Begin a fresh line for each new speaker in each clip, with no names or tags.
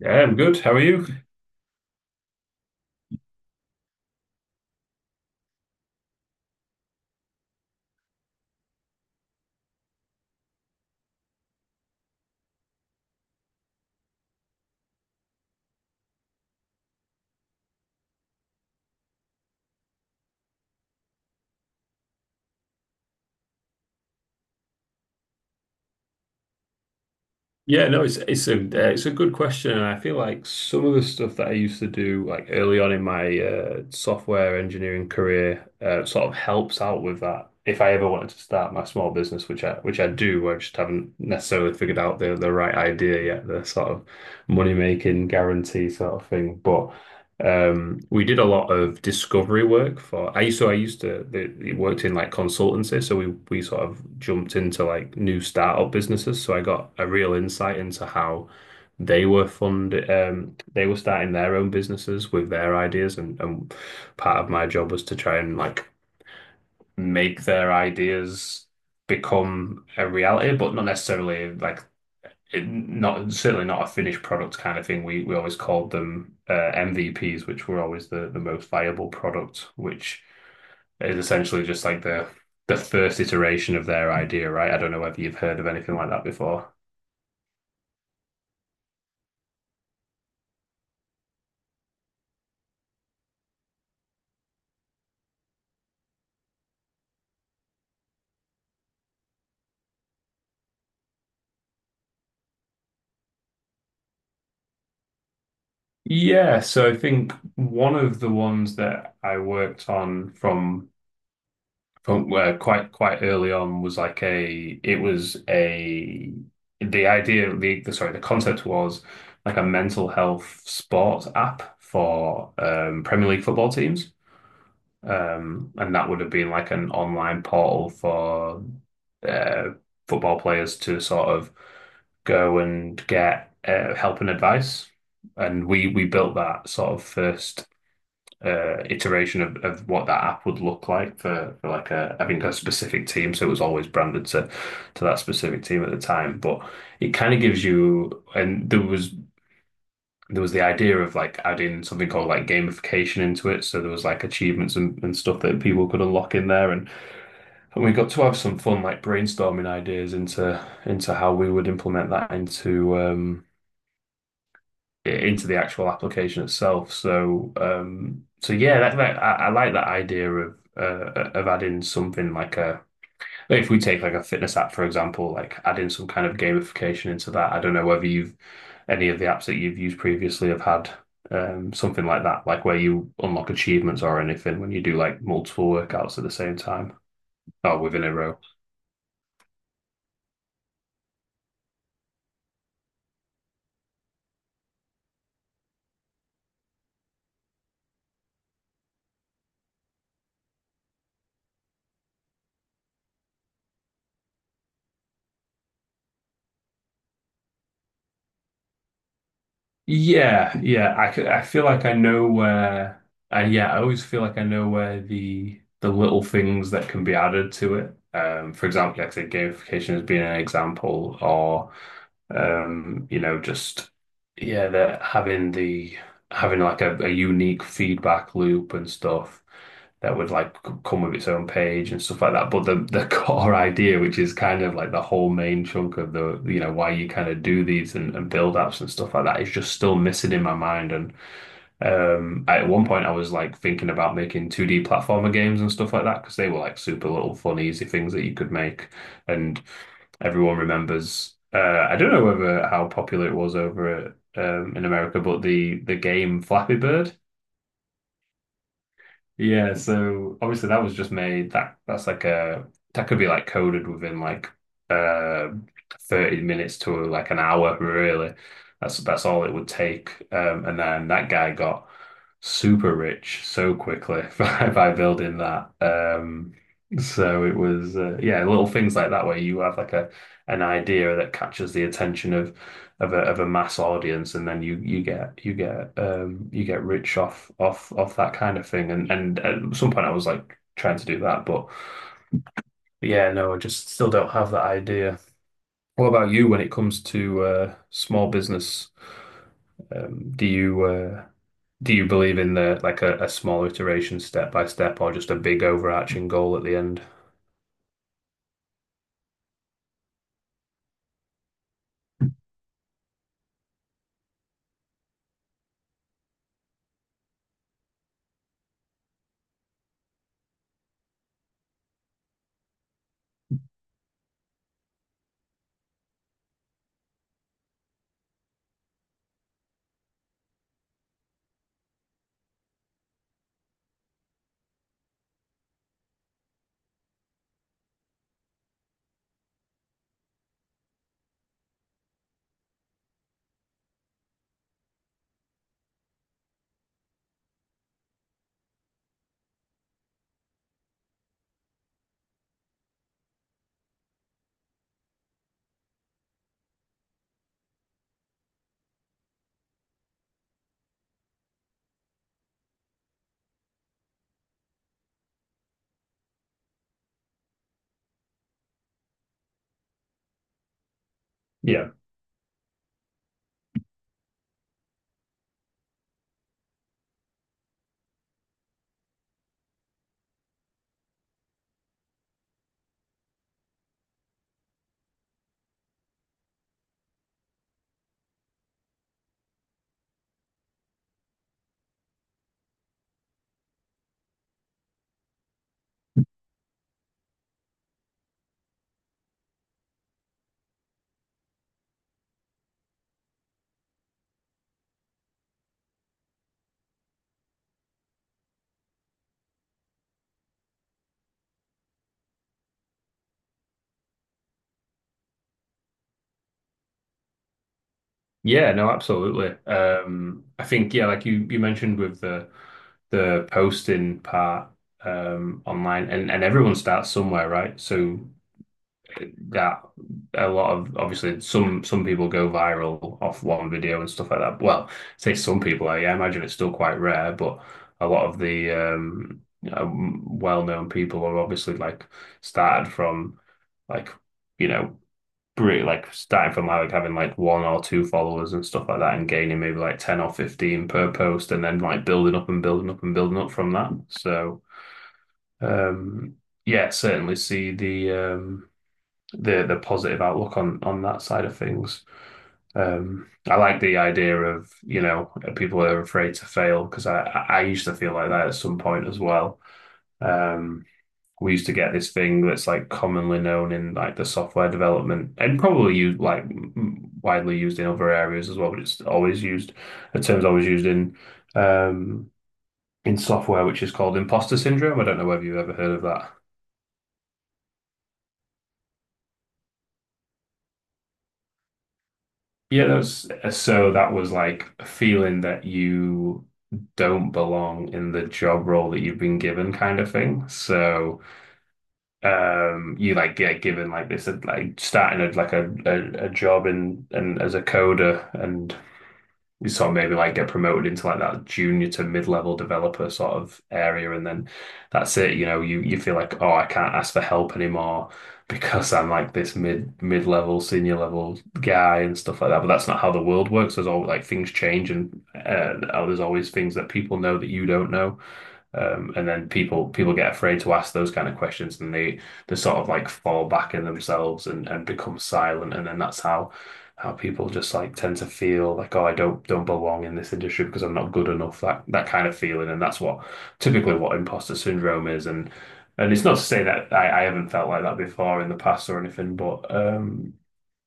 Yeah, I'm good. How are you? Yeah, no, it's it's a good question, and I feel like some of the stuff that I used to do like early on in my software engineering career sort of helps out with that. If I ever wanted to start my small business, which I do, I just haven't necessarily figured out the right idea yet, the sort of money making guarantee sort of thing. But we did a lot of discovery work for I so I used to the, it worked in like consultancy, so we sort of jumped into like new startup businesses. So I got a real insight into how they were funded. They were starting their own businesses with their ideas, and part of my job was to try and like make their ideas become a reality, but not necessarily like it, not certainly not a finished product kind of thing. We always called them MVPs, which were always the most viable product, which is essentially just like the first iteration of their idea, right? I don't know whether you've heard of anything like that before. Yeah, so I think one of the ones that I worked on from where quite quite early on was like a it was a the idea the sorry the concept was like a mental health sports app for Premier League football teams, and that would have been like an online portal for uh, football players to sort of go and get help and advice. And we built that sort of first iteration of, what that app would look like for, like a I think a specific team. So it was always branded to that specific team at the time. But it kind of gives you, and there was the idea of like adding something called like gamification into it. So there was like achievements and stuff that people could unlock in there, and we got to have some fun like brainstorming ideas into how we would implement that into the actual application itself. So, so yeah, I like that idea of of adding something like a, like if we take like a fitness app for example, like adding some kind of gamification into that. I don't know whether you've any of the apps that you've used previously have had something like that, like where you unlock achievements or anything when you do like multiple workouts at the same time or within a row. Yeah, yeah. I feel like I know where, and yeah, I always feel like I know where the little things that can be added to it. For example, like I said, gamification has been an example. Or you know, just yeah, that having the having like a unique feedback loop and stuff that would like come with its own page and stuff like that. But the core idea, which is kind of like the whole main chunk of the, you know, why you kind of do these and build apps and stuff like that, is just still missing in my mind. And. At one point, I was like thinking about making 2D platformer games and stuff like that because they were like super little fun, easy things that you could make. And everyone remembers. I don't know whether how popular it was over in America, but the game Flappy Bird. Yeah, so obviously that was just made, that could be like coded within like uh 30 minutes to like an hour really. That's all it would take. And then that guy got super rich so quickly by, building that. So it was yeah, little things like that where you have like a an idea that catches the attention of a mass audience, and then you get rich off that kind of thing. And at some point I was like trying to do that, but yeah, no, I just still don't have that idea. What about you when it comes to small business? Do you believe in the, like, a small iteration step by step, or just a big overarching goal at the end? Yeah. Yeah, no, absolutely. I think, yeah, like you mentioned with the posting part, online. And everyone starts somewhere, right? So that a lot of, obviously, some people go viral off one video and stuff like that. Well, say some people, I imagine it's still quite rare, but a lot of the well-known people are obviously like started from, like, you know, really, like starting from like having like one or two followers and stuff like that, and gaining maybe like 10 or 15 per post, and then like building up and building up and building up from that. So um yeah, certainly see the positive outlook on that side of things. I like the idea of, people are afraid to fail, because I used to feel like that at some point as well. Um we used to get this thing that's like commonly known in like the software development, and probably used like widely used in other areas as well, but it's always used, the term's always used um in software, which is called imposter syndrome. I don't know whether you've ever heard of that. Yeah, that's so that was like a feeling that you don't belong in the job role that you've been given kind of thing. So you like get given like this like starting a job and as a coder, and you sort of maybe like get promoted into like that junior to mid-level developer sort of area, and then that's it, you know, you feel like, oh, I can't ask for help anymore, because I'm like this mid-level senior level guy and stuff like that. But that's not how the world works. There's all, like, things change, and there's always things that people know that you don't know, and then people get afraid to ask those kind of questions, and they sort of like fall back in themselves, and become silent. And then that's how people just like tend to feel like, oh, I don't belong in this industry, because I'm not good enough. That, kind of feeling, and that's what, typically, what imposter syndrome is. And it's not to say that I haven't felt like that before in the past or anything, but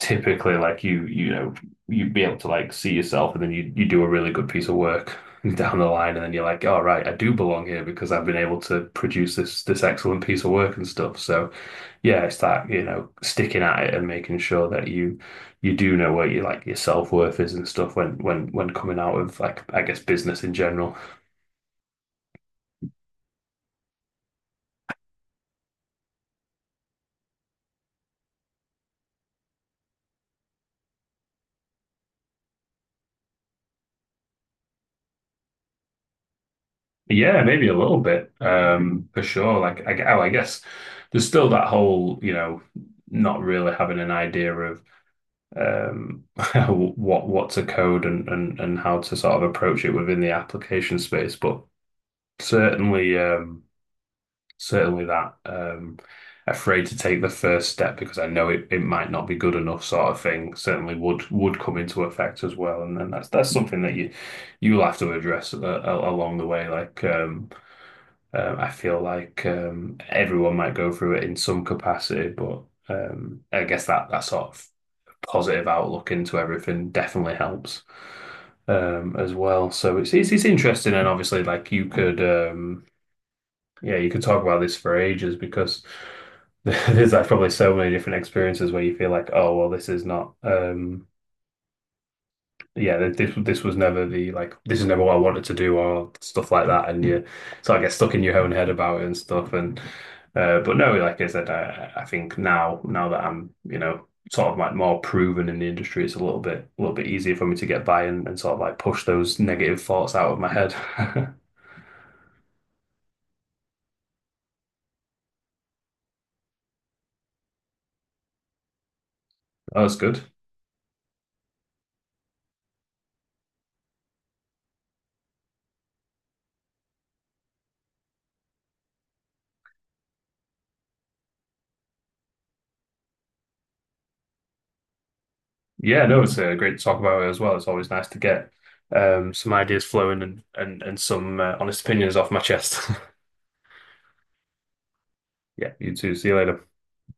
typically, like, you know, you'd be able to like see yourself, and then you do a really good piece of work down the line, and then you're like, all right, I do belong here, because I've been able to produce this excellent piece of work and stuff. So yeah, it's that, sticking at it and making sure that you do know where you, like, your self-worth is and stuff when when coming out of, like, I guess, business in general. Yeah, maybe a little bit, for sure. Like oh, I guess there's still that whole, you know, not really having an idea of um, what to code, and how to sort of approach it within the application space. But certainly, certainly that, afraid to take the first step because I know it might not be good enough sort of thing, certainly would come into effect as well. And then that's something that you you'll have to address along the way. Like, I feel like, everyone might go through it in some capacity, but. I guess that sort of positive outlook into everything definitely helps, as well. So it's interesting, and obviously, like, you could, yeah, you could talk about this for ages, because there's like probably so many different experiences where you feel like, oh, well, this is not. Yeah, th- this was never the like this is never what I wanted to do or stuff like that, and you sort of get stuck in your own head about it and stuff. And but no, like I said, I think now that I'm, you know, sort of like more proven in the industry, it's a little bit easier for me to get by, and sort of like push those negative thoughts out of my head. That was good. Yeah, no, it's great to talk about it as well. It's always nice to get some ideas flowing and some honest opinions off my chest. Yeah, you too. See you later.